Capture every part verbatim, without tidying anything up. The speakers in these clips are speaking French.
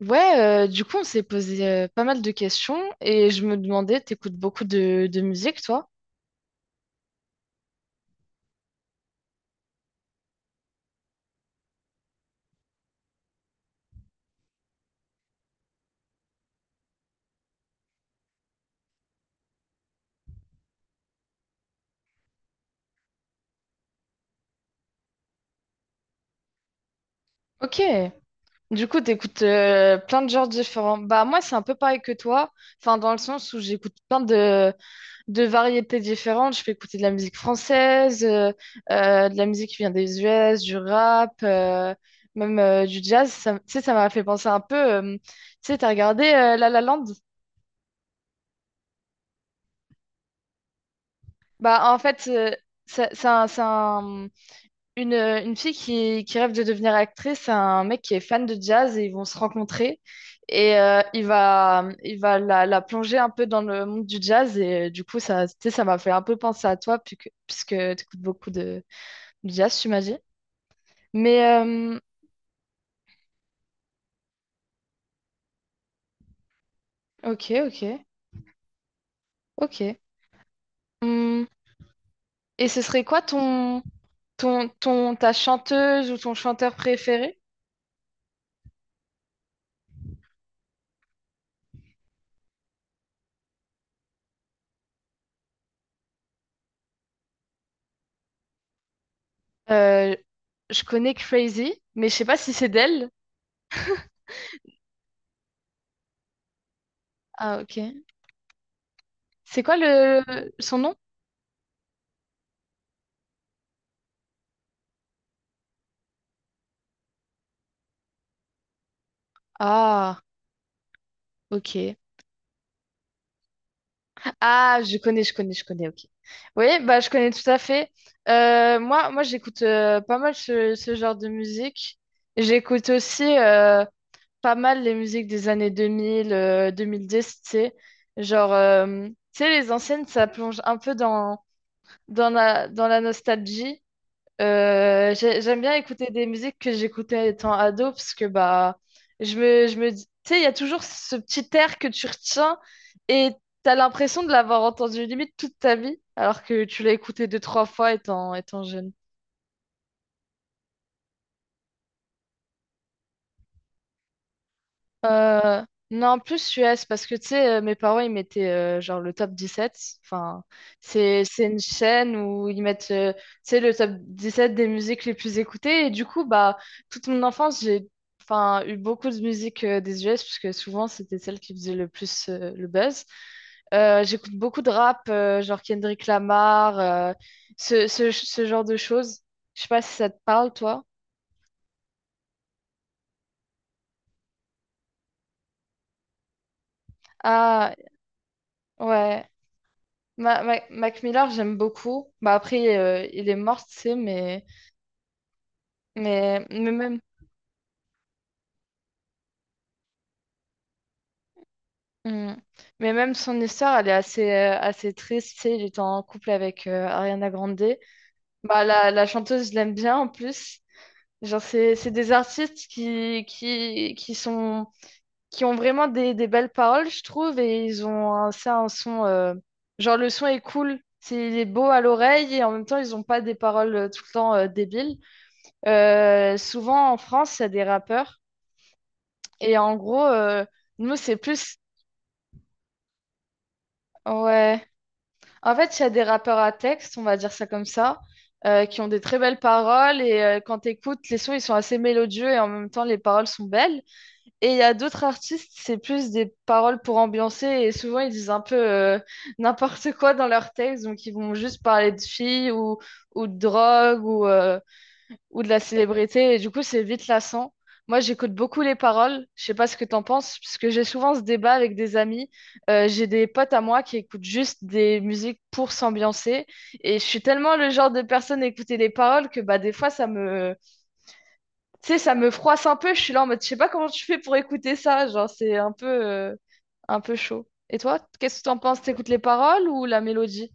Ouais, euh, du coup, on s'est posé euh, pas mal de questions et je me demandais, t'écoutes beaucoup de, de musique, toi? Ok. Du coup, t'écoutes euh, plein de genres différents. Bah, moi, c'est un peu pareil que toi. Enfin, dans le sens où j'écoute plein de, de variétés différentes. Je peux écouter de la musique française, euh, euh, de la musique qui vient des U S, du rap, euh, même euh, du jazz. Ça, tu sais, ça m'a fait penser un peu, euh, tu sais, t'as regardé euh, La La Land? Bah, en fait, euh, ça- c'est un- c'est un- une, une fille qui, qui rêve de devenir actrice, c'est un mec qui est fan de jazz et ils vont se rencontrer. Et euh, il va, il va la, la plonger un peu dans le monde du jazz. Et euh, du coup, ça, tu sais, ça m'a fait un peu penser à toi, puisque, puisque tu écoutes beaucoup de, Diaz, tu m'as dit. Mais euh, ok, ok, ok. Hum, Et ce serait quoi ton, ton, ton, ta chanteuse ou ton chanteur préféré? Euh, je connais Crazy, mais je sais pas si c'est d'elle. Ah, ok. C'est quoi le son nom? Ah, ok. Ah, je connais, je connais, je connais, ok. Oui, bah je connais tout à fait. Euh, moi, moi j'écoute euh, pas mal ce, ce genre de musique. J'écoute aussi euh, pas mal les musiques des années deux mille, euh, deux mille dix, tu sais. Genre, euh, tu sais, les anciennes, ça plonge un peu dans, dans la, dans la nostalgie. Euh, j'ai- j'aime bien écouter des musiques que j'écoutais étant ado, parce que, bah, je me, je me dis, tu sais, il y a toujours ce petit air que tu retiens et t'as l'impression de l'avoir entendu limite toute ta vie, alors que tu l'as écouté deux, trois fois étant, étant jeune. Euh, non, plus U S, parce que tu sais, euh, mes parents, ils mettaient euh, genre le top dix sept. Enfin, c'est, c'est une chaîne où ils mettent euh, tu sais, le top dix sept des musiques les plus écoutées. Et du coup, bah, toute mon enfance, j'ai, enfin, eu beaucoup de musique euh, des U S, puisque souvent, c'était celle qui faisait le plus euh, le buzz. Euh, j'écoute beaucoup de rap, euh, genre Kendrick Lamar, euh, ce, ce, ce genre de choses. Je sais pas si ça te parle, toi. Ah, ouais. Ma- Ma- Mac Miller, j'aime beaucoup. Bah après, euh, il est mort, tu sais, mais, mais, mais même, Hmm. mais même son histoire, elle est assez, euh, assez triste, tu sais. Il était en couple avec euh, Ariana Grande. Bah la, la chanteuse, je l'aime bien en plus. Genre, c'est, c'est des artistes qui, qui, qui sont, qui ont vraiment des, des belles paroles, je trouve, et ils ont un, ça, un son, euh, genre le son est cool. C'est, il est beau à l'oreille et en même temps, ils n'ont pas des paroles euh, tout le temps euh, débiles. Euh, souvent en France, il y a des rappeurs. Et en gros, euh, nous, c'est plus... Ouais. En fait, il y a des rappeurs à texte, on va dire ça comme ça, euh, qui ont des très belles paroles. Et euh, quand tu écoutes, les sons, ils sont assez mélodieux et en même temps, les paroles sont belles. Et il y a d'autres artistes, c'est plus des paroles pour ambiancer. Et souvent, ils disent un peu euh, n'importe quoi dans leurs textes. Donc, ils vont juste parler de filles ou, ou de drogue ou, euh, ou de la célébrité, et du coup, c'est vite lassant. Moi, j'écoute beaucoup les paroles, je sais pas ce que t'en penses, parce que j'ai souvent ce débat avec des amis. Euh, j'ai des potes à moi qui écoutent juste des musiques pour s'ambiancer, et je suis tellement le genre de personne à écouter les paroles que bah, des fois, ça me... Tu sais, ça me froisse un peu, je suis là en mode, je sais pas comment tu fais pour écouter ça, genre, c'est un peu, euh, un peu chaud. Et toi, qu'est-ce que t'en penses? T'écoutes les paroles ou la mélodie?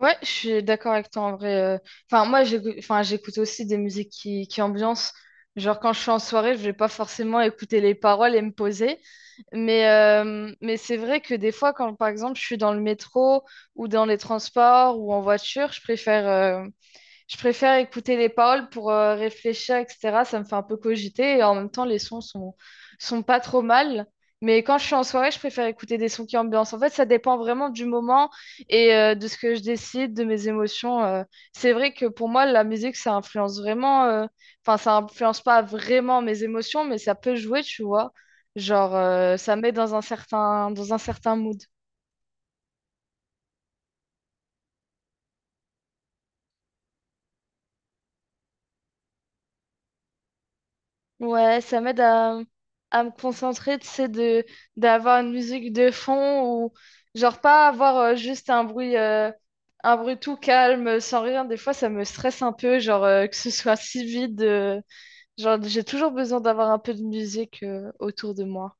Ouais, je suis d'accord avec toi en vrai. euh. Enfin, moi, j'écoute, enfin, j'écoute aussi des musiques qui, qui ambiancent. Genre, quand je suis en soirée, je vais pas forcément écouter les paroles et me poser. Mais, euh, mais c'est vrai que des fois, quand par exemple, je suis dans le métro ou dans les transports ou en voiture, je préfère. euh, je préfère écouter les paroles pour euh, réfléchir, et cetera. Ça me fait un peu cogiter et en même temps, les sons sont, sont pas trop mal. Mais quand je suis en soirée, je préfère écouter des sons qui ambiancent. En fait, ça dépend vraiment du moment et euh, de ce que je décide, de mes émotions. euh. C'est vrai que pour moi, la musique, ça influence vraiment. euh, Enfin, ça influence pas vraiment mes émotions, mais ça peut jouer, tu vois. Genre, euh, ça met dans un certain, dans un certain mood. Ouais, ça m'aide à, à me concentrer, tu sais, de, d'avoir une musique de fond ou genre pas avoir euh, juste un bruit, euh, un bruit tout calme, sans rien. Des fois, ça me stresse un peu, genre euh, que ce soit si vide. Euh, genre, j'ai toujours besoin d'avoir un peu de musique euh, autour de moi.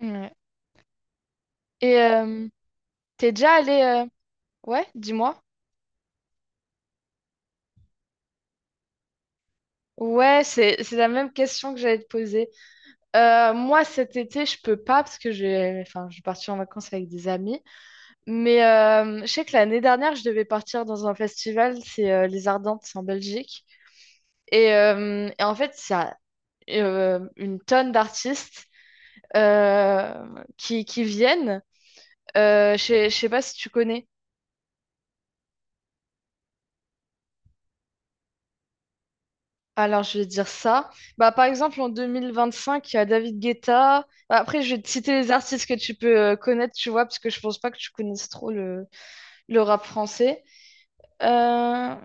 Ouais. Et euh, t'es déjà allé... euh, Ouais, dis-moi. Ouais, c'est c'est la même question que j'allais te poser. Euh, moi, cet été, je peux pas parce que j'ai, enfin, je vais partir en vacances avec des amis. Mais euh, je sais que l'année dernière, je devais partir dans un festival, c'est euh, Les Ardentes, c'est en Belgique. Et, euh, et en fait, ça euh, une tonne d'artistes euh, qui, qui viennent. Euh, je sais je sais pas si tu connais. Alors, je vais dire ça. Bah, par exemple, en deux mille vingt cinq, il y a David Guetta. Bah, après, je vais te citer les artistes que tu peux euh, connaître, tu vois, parce que je pense pas que tu connaisses trop le, le rap français. Euh,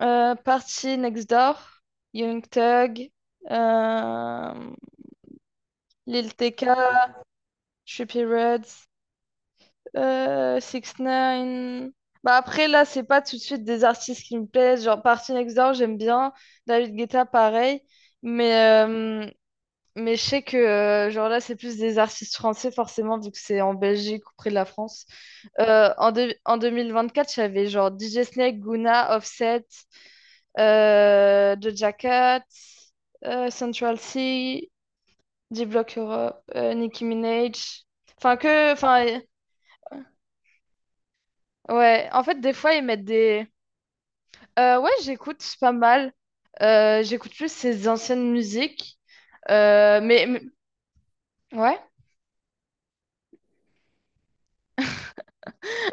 Euh, Party Next Door, Young Thug, euh, Lil T K, Trippie Reds, euh, six ix. Bah après là, c'est pas tout de suite des artistes qui me plaisent. Genre Party Next Door, j'aime bien. David Guetta, pareil. Mais, euh, mais je sais que euh, genre là, c'est plus des artistes français forcément vu que c'est en Belgique ou près de la France. Euh, en, deux- en deux mille vingt-quatre, j'avais genre D J Snake, Guna, Offset, euh, Doja Cat, euh, Central C, D-Block Europe, euh, Nicki Minaj. Enfin, que. Enfin, euh, ouais. En fait, des fois, ils mettent des. Euh, ouais, j'écoute pas mal. Euh, j'écoute plus ses anciennes musiques. Euh, mais, mais- Ouais.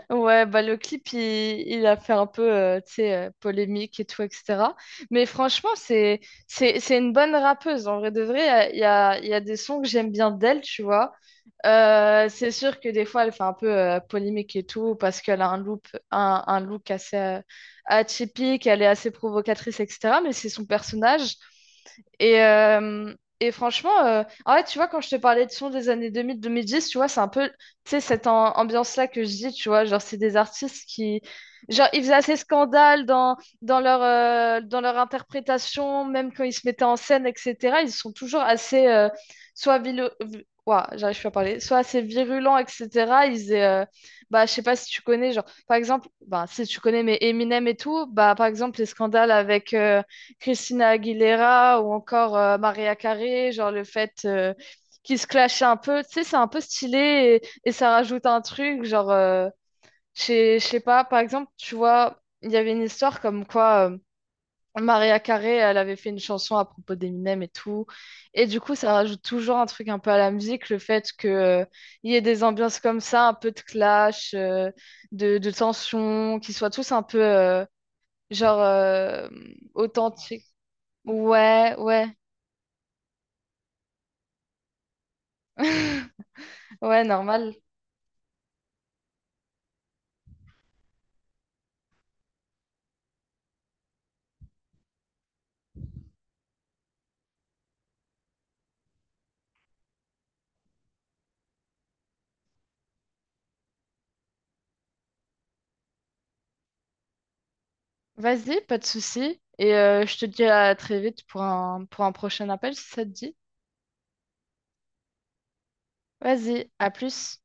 Ouais, bah, le clip, il, il a fait un peu, euh, tu sais, euh, polémique et tout, et cetera. Mais franchement, c'est, c'est, c'est une bonne rappeuse. En vrai de vrai, il y a, il y a il y a des sons que j'aime bien d'elle, tu vois. Euh, c'est sûr que des fois, elle fait un peu euh, polémique et tout, parce qu'elle a un look, un, un look assez euh, atypique, elle est assez provocatrice, et cetera. Mais c'est son personnage. Et, euh, et franchement, euh, en fait, tu vois, quand je te parlais de son des années deux deux mille mille dix, tu vois, c'est un peu, tu sais, cette am- ambiance-là que je dis, tu vois, genre, c'est des artistes qui, genre, ils faisaient assez scandale dans, dans leur, euh, dans leur interprétation, même quand ils se mettaient en scène, et cetera. Ils sont toujours assez, euh, soit vilo- vi- Ouah, j'arrive plus à parler, soit assez virulents, et cetera. Ils euh, Bah, je sais pas si tu connais, genre, par exemple, bah, si tu connais, mais Eminem et tout, bah, par exemple, les scandales avec... euh, Christina Aguilera ou encore euh, Maria Carey, genre le fait euh, qu'ils se clashent un peu, tu sais, c'est un peu stylé et, et ça rajoute un truc, genre, euh, je sais je sais pas, par exemple, tu vois, il y avait une histoire comme quoi euh, Maria Carey, elle avait fait une chanson à propos d'Eminem et tout, et du coup, ça rajoute toujours un truc un peu à la musique, le fait que, euh, il y ait des ambiances comme ça, un peu de clash, euh, de, de tension, qu'ils soient tous un peu, euh, genre, euh, authentiques. Ouais, ouais. Ouais, normal. Vas-y, pas de souci. Et euh, je te dis à très vite pour un, pour un prochain appel si ça te dit. Vas-y, à plus.